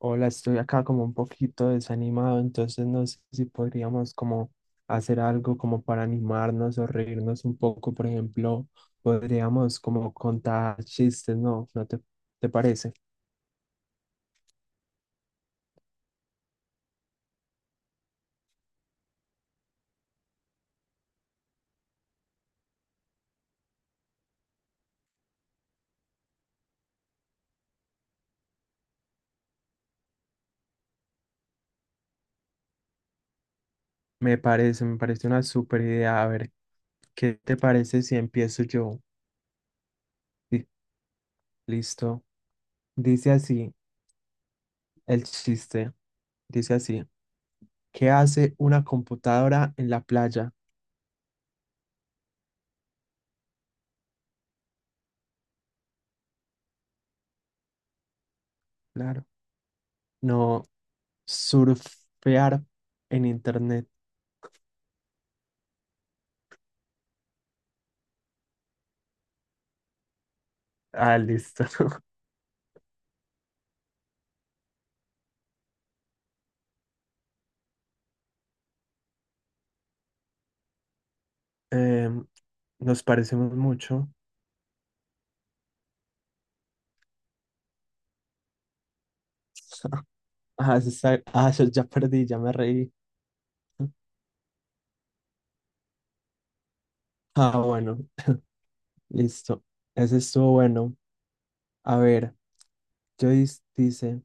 Hola, estoy acá como un poquito desanimado, entonces no sé si podríamos como hacer algo como para animarnos o reírnos un poco, por ejemplo, podríamos como contar chistes, ¿no? ¿ te parece? Me parece, me parece una súper idea. A ver, ¿qué te parece si empiezo yo? Sí, listo. Dice así el chiste, dice así, ¿qué hace una computadora en la playa? Claro. No, surfear en internet. Ah, listo. Em, nos parecemos mucho. Ah, ah, eso ya perdí, ya me reí. Ah, bueno, listo. Ese estuvo bueno. A ver, Joyce dice,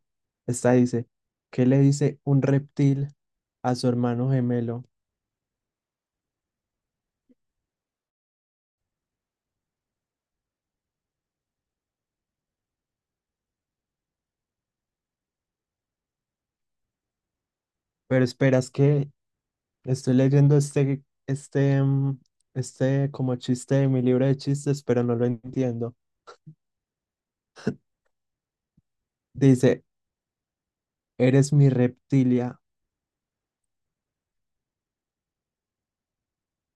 esta dice, ¿qué le dice un reptil a su hermano gemelo? Pero esperas que estoy leyendo este como chiste de mi libro de chistes, pero no lo entiendo. Dice, eres mi reptilia.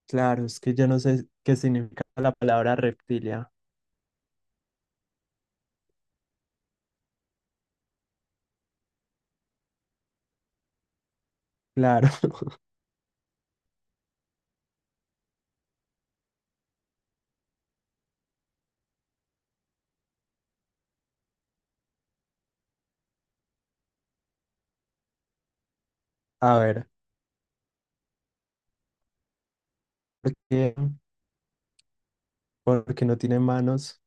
Claro, es que yo no sé qué significa la palabra reptilia. Claro. A ver, ¿por qué? Porque no tiene manos.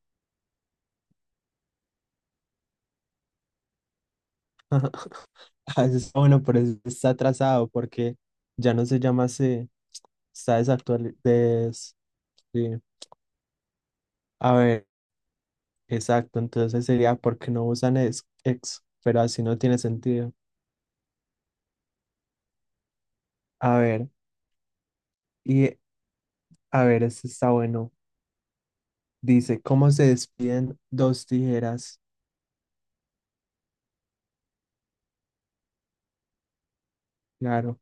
Ah, eso está bueno, pero eso está atrasado porque ya no se llama así. Está desactualizado. Sí. A ver, exacto. Entonces sería porque no usan ex, ex, pero así no tiene sentido. A ver, y a ver, este está bueno. Dice, ¿cómo se despiden dos tijeras? Claro.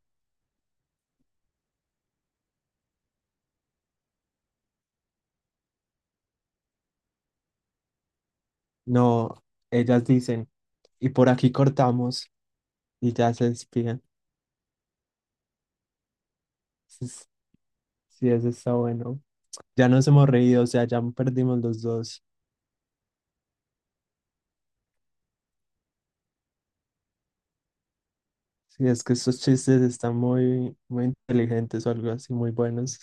No, ellas dicen, y por aquí cortamos y ya se despiden. Sí, es- sí, eso está bueno. Ya nos hemos reído, o sea, ya perdimos los dos. Sí, es que estos chistes están muy, muy inteligentes o algo así, muy buenos.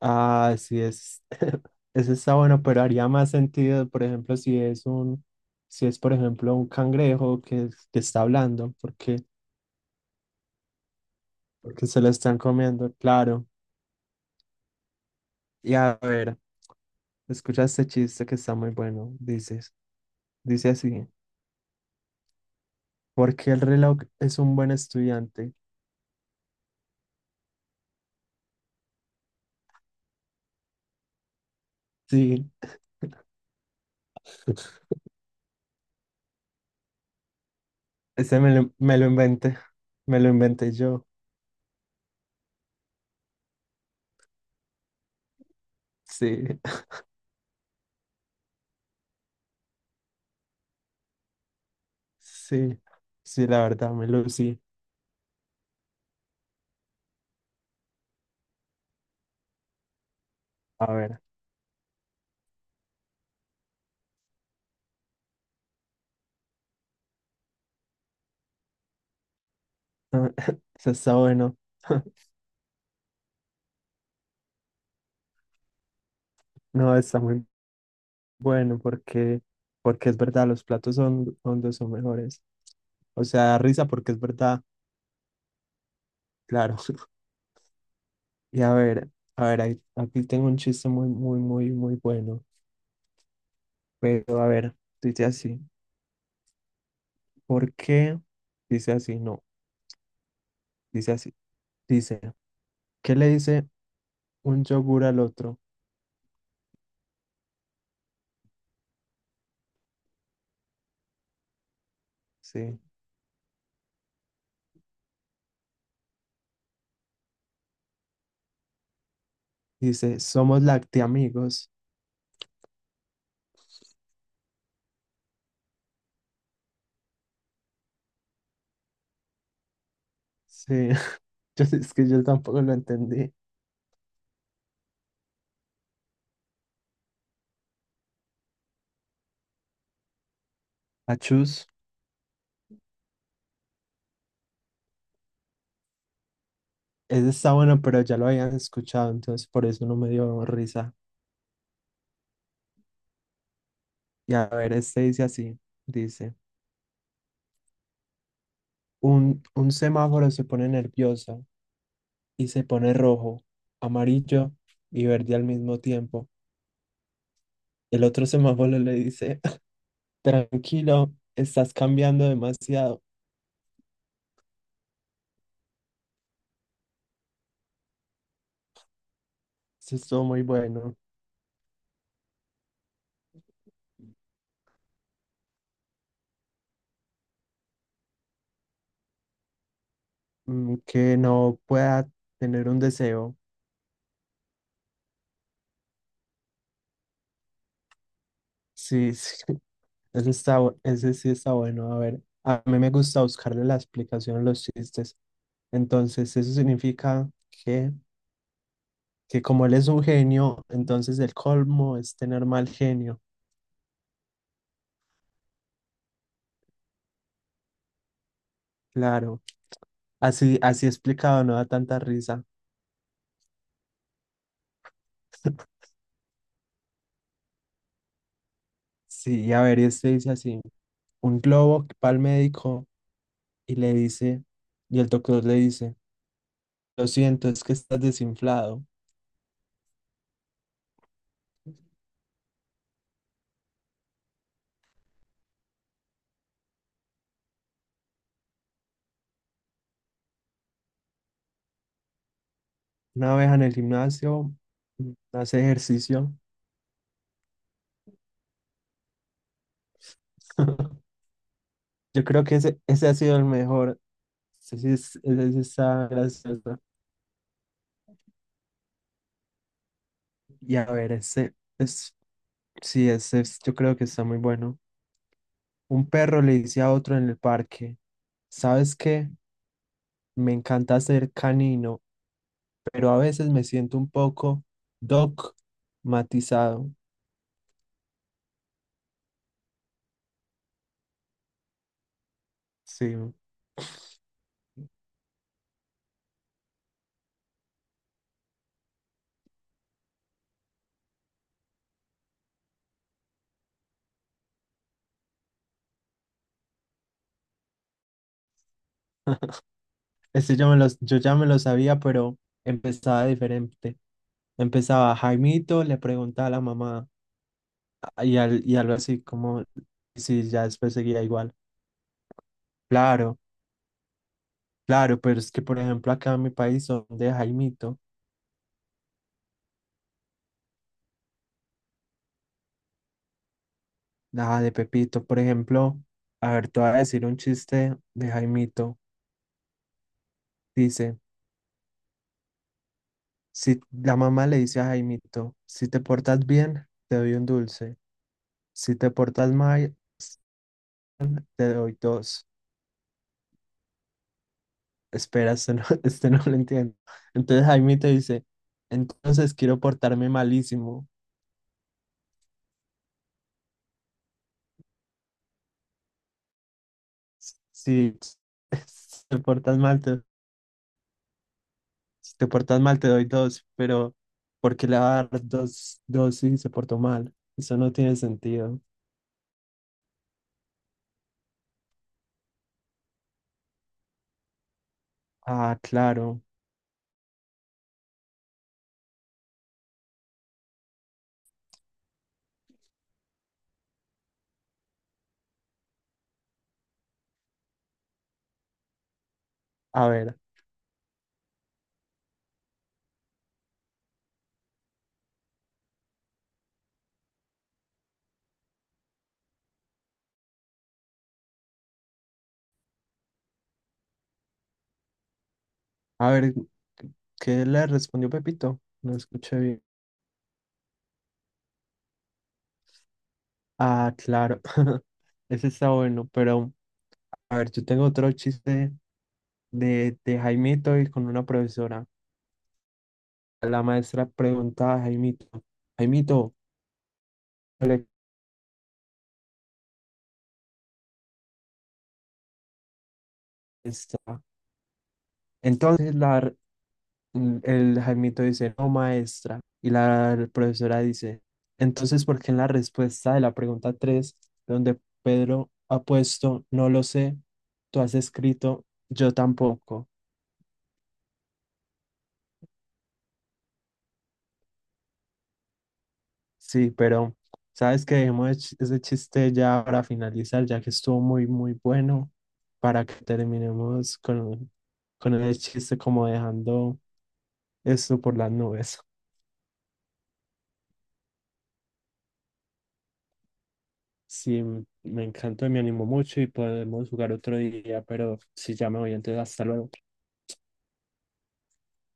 Ah, sí, es. Eso está bueno, pero haría más sentido, por ejemplo, si es, por ejemplo, un cangrejo que está hablando, porque, porque se lo están comiendo, claro. Y a ver, escucha este chiste que está muy bueno, dices. Dice así, ¿por qué el reloj es un buen estudiante? Sí, ese me lo inventé yo. Sí, sí, sí, la verdad, me lo sí. A ver, eso está bueno. No, está muy bueno porque, porque es verdad, los platos son hondos son mejores. O sea, da risa porque es verdad, claro. Y a ver, aquí tengo un chiste muy, muy, muy, muy bueno. Pero a ver, dice así, ¿por qué? Dice así, no, dice así. Dice, ¿qué le dice un yogur al otro? Sí, dice, somos lactiamigos. Sí, yo, es que yo tampoco lo entendí. Achus. Ese está bueno, pero ya lo habían escuchado, entonces por eso no me dio risa. Y a ver, este dice así, dice, un semáforo se pone nervioso y se pone rojo, amarillo y verde al mismo tiempo. El otro semáforo le dice, tranquilo, estás cambiando demasiado. Eso estuvo muy bueno. Mm, que no pueda tener un deseo. Sí, sí, ese ese sí está bueno. A ver, a mí me gusta buscarle la explicación a los chistes. Entonces, eso significa que como él es un genio, entonces el colmo es tener mal genio. Claro, así, así explicado no da tanta risa. Sí, a ver, y este dice así, un globo que va al médico y le dice, y el doctor le dice, lo siento, es que estás desinflado. Una vez en el gimnasio, hace ejercicio. Yo creo que ese ha sido el mejor. Ese sí está gracioso. Y a ver, ese es, sí, yo creo que está muy bueno. Un perro le dice a otro en el parque, ¿sabes qué? Me encanta ser canino, pero a veces me siento un poco dogmatizado. Sí. Este yo, yo ya me lo sabía, pero empezaba diferente. Empezaba Jaimito, le preguntaba a la mamá y, y algo así como si ya después seguía igual. Claro, claro, pero es que por ejemplo acá en mi país son de Jaimito. Nada de Pepito, por ejemplo, a ver, te voy a decir un chiste de Jaimito. Dice, si la mamá le dice a Jaimito, si te portas bien, te doy un dulce. Si te portas mal, s- te doy dos. Espera, este no, este no lo entiendo. Entonces Jaimito dice, entonces quiero portarme malísimo. S- Si, si te portas mal, te, si te portas mal, te doy dos. Pero, ¿por qué le va a dar dos, dos si se portó mal? Eso no tiene sentido. Ah, claro. A ver, a ver, ¿qué le respondió Pepito? No escuché bien. Ah, claro. Ese está bueno, pero a ver, yo tengo otro chiste de Jaimito y con una profesora. La maestra preguntaba a Jaimito, Jaimito, ¿cuál es esta?". Entonces la, Mm, El Jaimito dice, no, maestra. Y la profesora dice, entonces, ¿por qué en la respuesta de la pregunta 3 donde Pedro ha puesto, no lo sé, tú has escrito, yo tampoco? Sí, pero sabes que dejemos ese chiste ya para finalizar, ya que estuvo muy, muy bueno, para que terminemos con el chiste como dejando esto por las nubes. Sí, me encantó, me animó mucho y podemos jugar otro día, pero si ya me voy, entonces hasta luego.